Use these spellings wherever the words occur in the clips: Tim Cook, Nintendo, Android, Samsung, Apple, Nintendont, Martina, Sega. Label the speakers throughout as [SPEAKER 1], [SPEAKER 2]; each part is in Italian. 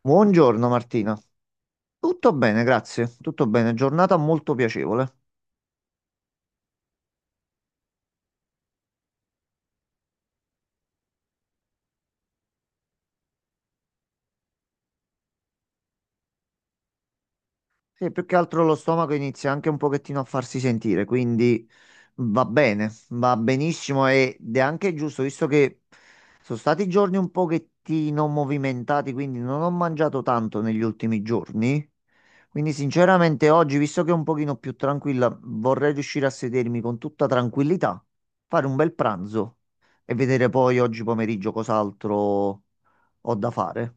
[SPEAKER 1] Buongiorno Martina. Tutto bene, grazie. Tutto bene. Giornata molto piacevole. Sì, più che altro lo stomaco inizia anche un pochettino a farsi sentire, quindi va bene, va benissimo ed è anche giusto, visto che sono stati giorni un pochettino movimentati, quindi non ho mangiato tanto negli ultimi giorni. Quindi sinceramente oggi, visto che è un pochino più tranquilla, vorrei riuscire a sedermi con tutta tranquillità, fare un bel pranzo e vedere poi oggi pomeriggio cos'altro ho da fare.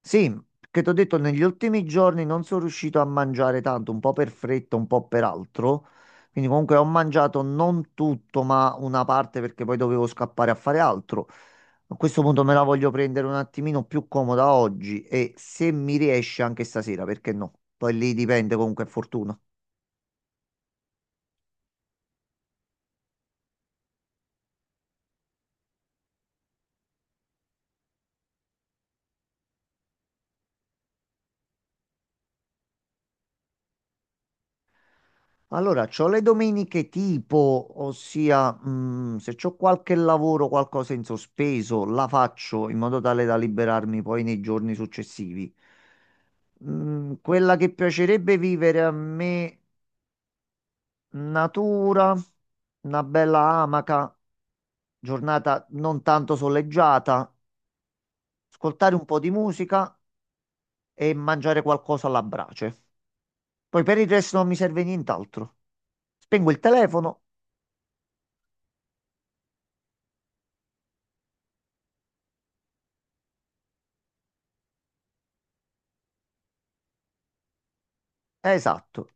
[SPEAKER 1] Sì, che ti ho detto, negli ultimi giorni non sono riuscito a mangiare tanto, un po' per fretta, un po' per altro. Quindi comunque ho mangiato non tutto, ma una parte perché poi dovevo scappare a fare altro. A questo punto me la voglio prendere un attimino più comoda oggi e se mi riesce anche stasera, perché no? Poi lì dipende comunque, è fortuna. Allora, c'ho le domeniche tipo, ossia, se c'ho qualche lavoro, qualcosa in sospeso, la faccio in modo tale da liberarmi poi nei giorni successivi. Quella che piacerebbe vivere a me, natura, una bella amaca, giornata non tanto soleggiata, ascoltare un po' di musica e mangiare qualcosa alla brace. Poi per il resto non mi serve nient'altro. Spengo il telefono, esatto.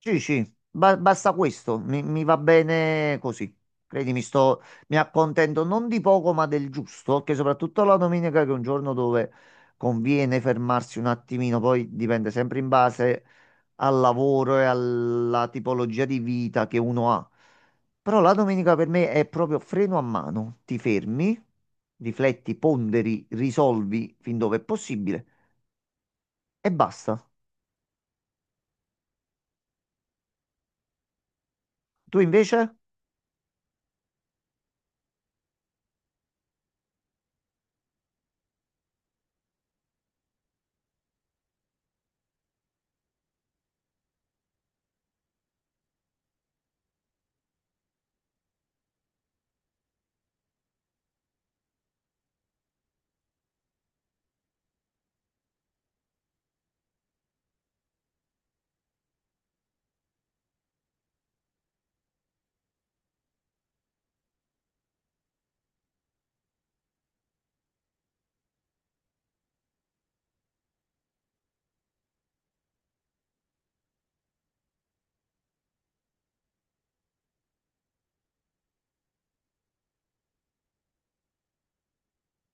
[SPEAKER 1] Sì, sì, basta questo, mi va bene così. Credimi, mi accontento non di poco, ma del giusto, che soprattutto la domenica, che è un giorno dove conviene fermarsi un attimino, poi dipende sempre in base al lavoro e alla tipologia di vita che uno ha. Però la domenica per me è proprio freno a mano, ti fermi, rifletti, ponderi, risolvi fin dove è possibile e basta. Tu invece?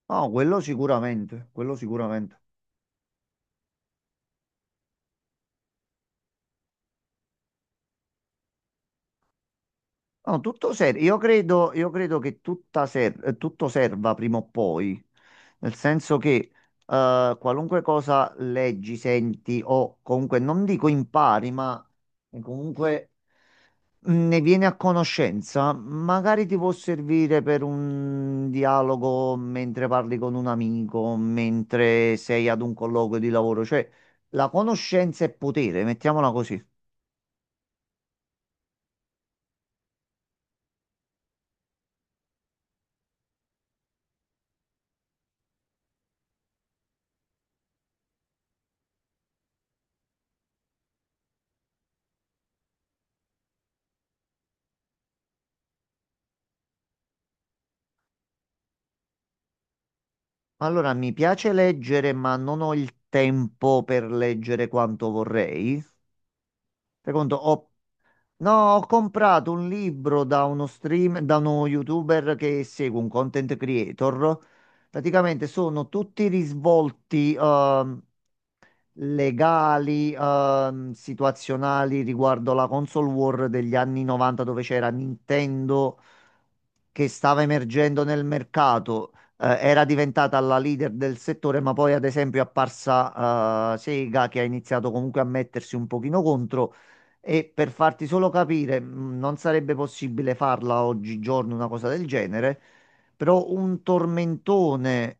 [SPEAKER 1] No, quello sicuramente, quello sicuramente. No, tutto serve. Io credo che tutto serva prima o poi, nel senso che qualunque cosa leggi, senti o comunque non dico impari, ma comunque ne vieni a conoscenza, magari ti può servire per un dialogo mentre parli con un amico, mentre sei ad un colloquio di lavoro, cioè la conoscenza è potere, mettiamola così. Allora, mi piace leggere, ma non ho il tempo per leggere quanto vorrei. Secondo, ho... No, ho comprato un libro da uno stream, da uno YouTuber che segue un content creator. Praticamente sono tutti risvolti legali, situazionali riguardo la console war degli anni 90 dove c'era Nintendo che stava emergendo nel mercato, era diventata la leader del settore, ma poi ad esempio è apparsa Sega che ha iniziato comunque a mettersi un pochino contro. E per farti solo capire, non sarebbe possibile farla oggigiorno una cosa del genere, però un tormentone.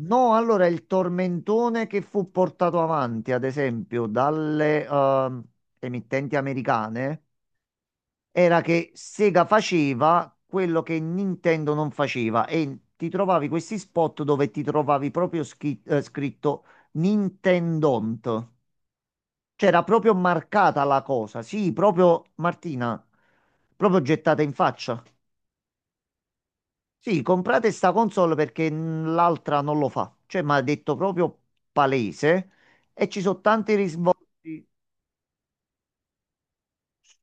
[SPEAKER 1] No, allora il tormentone che fu portato avanti, ad esempio, dalle emittenti americane era che Sega faceva quello che Nintendo non faceva e ti trovavi questi spot dove ti trovavi proprio scritto Nintendont. C'era proprio marcata la cosa, sì, proprio Martina, proprio gettata in faccia. Sì, comprate sta console perché l'altra non lo fa. Cioè, mi ha detto proprio palese e ci sono tanti risvolti.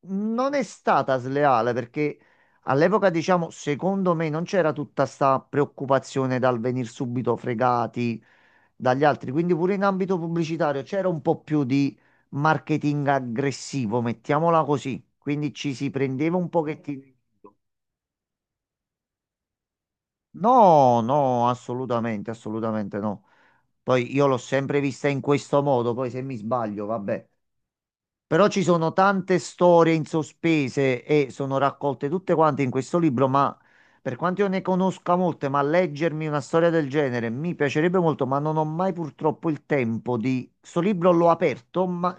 [SPEAKER 1] Non è stata sleale perché all'epoca, diciamo, secondo me non c'era tutta sta preoccupazione dal venire subito fregati dagli altri, quindi pure in ambito pubblicitario c'era un po' più di marketing aggressivo, mettiamola così, quindi ci si prendeva un pochettino in giro. No, no, assolutamente, assolutamente no. Poi io l'ho sempre vista in questo modo, poi se mi sbaglio, vabbè. Però ci sono tante storie in sospese e sono raccolte tutte quante in questo libro, ma per quanto io ne conosca molte, ma leggermi una storia del genere mi piacerebbe molto, ma non ho mai purtroppo il tempo di... Sto libro l'ho aperto, ma...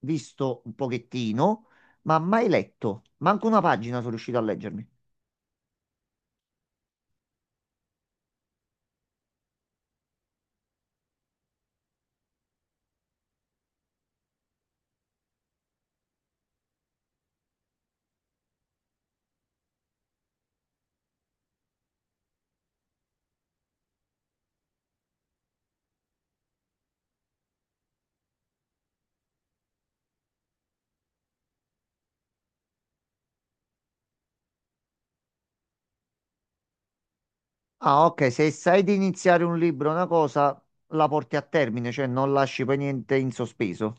[SPEAKER 1] visto un pochettino, ma mai letto. Manco una pagina sono riuscito a leggermi. Ah, ok, se sai di iniziare un libro, una cosa, la porti a termine, cioè non lasci poi niente in sospeso.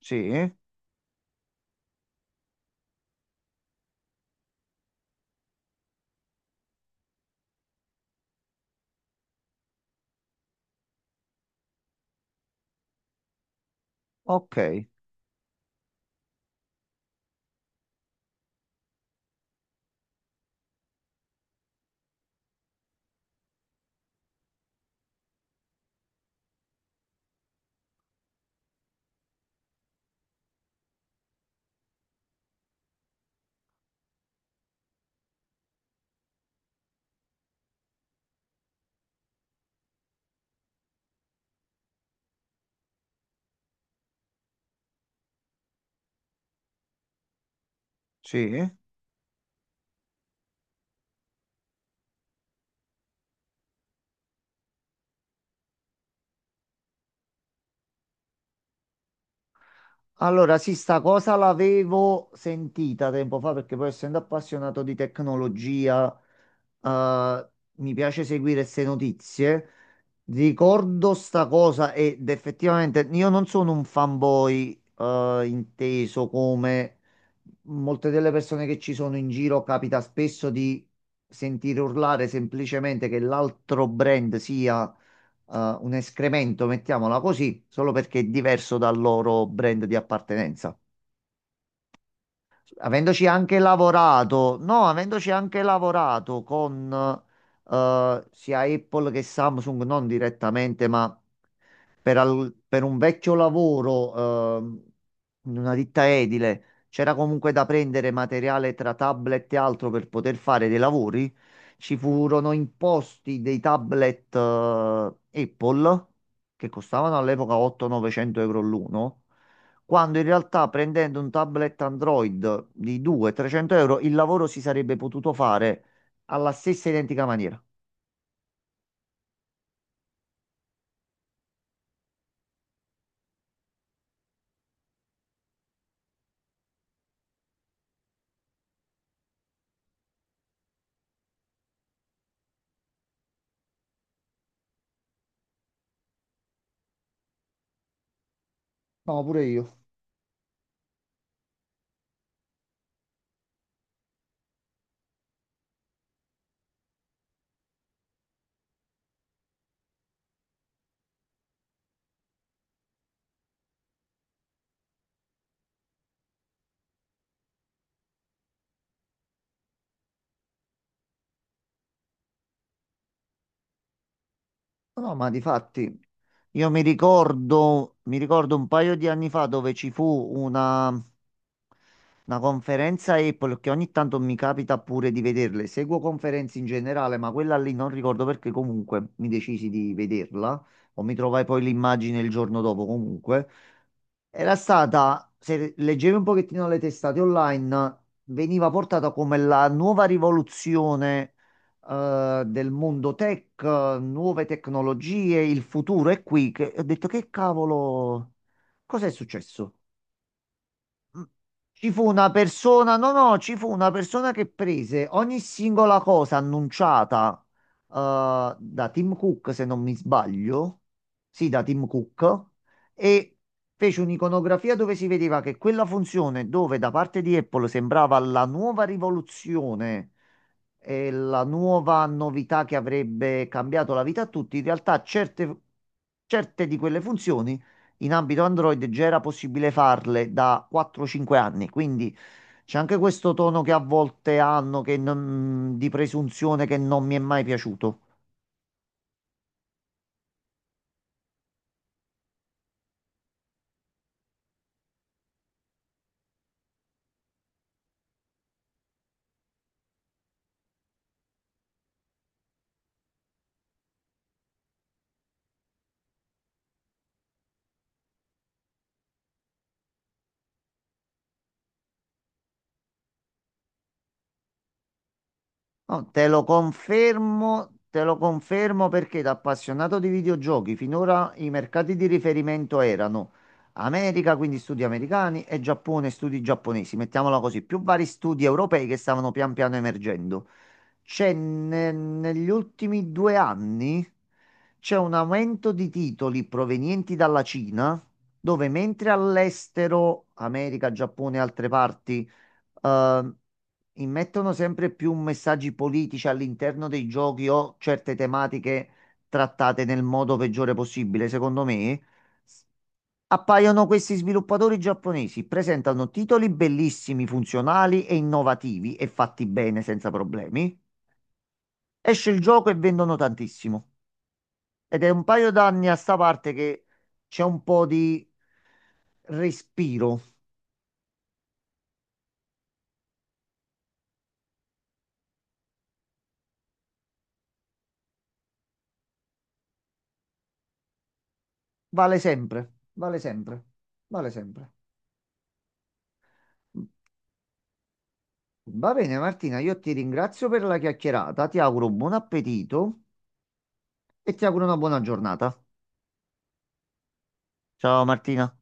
[SPEAKER 1] Sì, ok, sì. Allora, sì, sta cosa l'avevo sentita tempo fa perché poi essendo appassionato di tecnologia, eh, mi piace seguire queste notizie. Ricordo sta cosa ed effettivamente io non sono un fanboy, inteso come molte delle persone che ci sono in giro capita spesso di sentire urlare semplicemente che l'altro brand sia un escremento, mettiamola così, solo perché è diverso dal loro brand di appartenenza avendoci anche lavorato, no, avendoci anche lavorato con sia Apple che Samsung, non direttamente, ma per un vecchio lavoro in una ditta edile, c'era comunque da prendere materiale tra tablet e altro per poter fare dei lavori. Ci furono imposti dei tablet Apple che costavano all'epoca 8-900 euro l'uno quando in realtà prendendo un tablet Android di 200-300 euro il lavoro si sarebbe potuto fare alla stessa identica maniera. No, pure io. No, ma difatti io mi ricordo un paio di anni fa dove ci fu una Una conferenza Apple che ogni tanto mi capita pure di vederle. Seguo conferenze in generale, ma quella lì non ricordo perché comunque mi decisi di vederla o mi trovai poi l'immagine il giorno dopo comunque. Era stata, se leggevi un pochettino le testate online, veniva portata come la nuova rivoluzione del mondo tech, nuove tecnologie, il futuro è qui. Che, ho detto che cavolo, cos'è successo? Ci fu una persona, no, no, ci fu una persona che prese ogni singola cosa annunciata da Tim Cook, se non mi sbaglio, sì, da Tim Cook, e fece un'iconografia dove si vedeva che quella funzione dove da parte di Apple sembrava la nuova rivoluzione e la nuova novità che avrebbe cambiato la vita a tutti, in realtà certe di quelle funzioni in ambito Android già era possibile farle da 4-5 anni, quindi c'è anche questo tono che a volte hanno che non- di presunzione che non mi è mai piaciuto. No, te lo confermo perché da appassionato di videogiochi finora i mercati di riferimento erano America, quindi studi americani, e Giappone, studi giapponesi, mettiamola così, più vari studi europei che stavano pian piano emergendo. Negli ultimi 2 anni c'è un aumento di titoli provenienti dalla Cina, dove mentre all'estero, America, Giappone e altre parti, eh, immettono sempre più messaggi politici all'interno dei giochi o certe tematiche trattate nel modo peggiore possibile, secondo me. s- Appaiono questi sviluppatori giapponesi, presentano titoli bellissimi, funzionali e innovativi e fatti bene senza problemi. Esce il gioco e vendono tantissimo. Ed è un paio d'anni a sta parte che c'è un po' di respiro. Vale sempre, vale sempre, vale sempre. Va bene, Martina, io ti ringrazio per la chiacchierata, ti auguro buon appetito e ti auguro una buona giornata. Ciao Martina.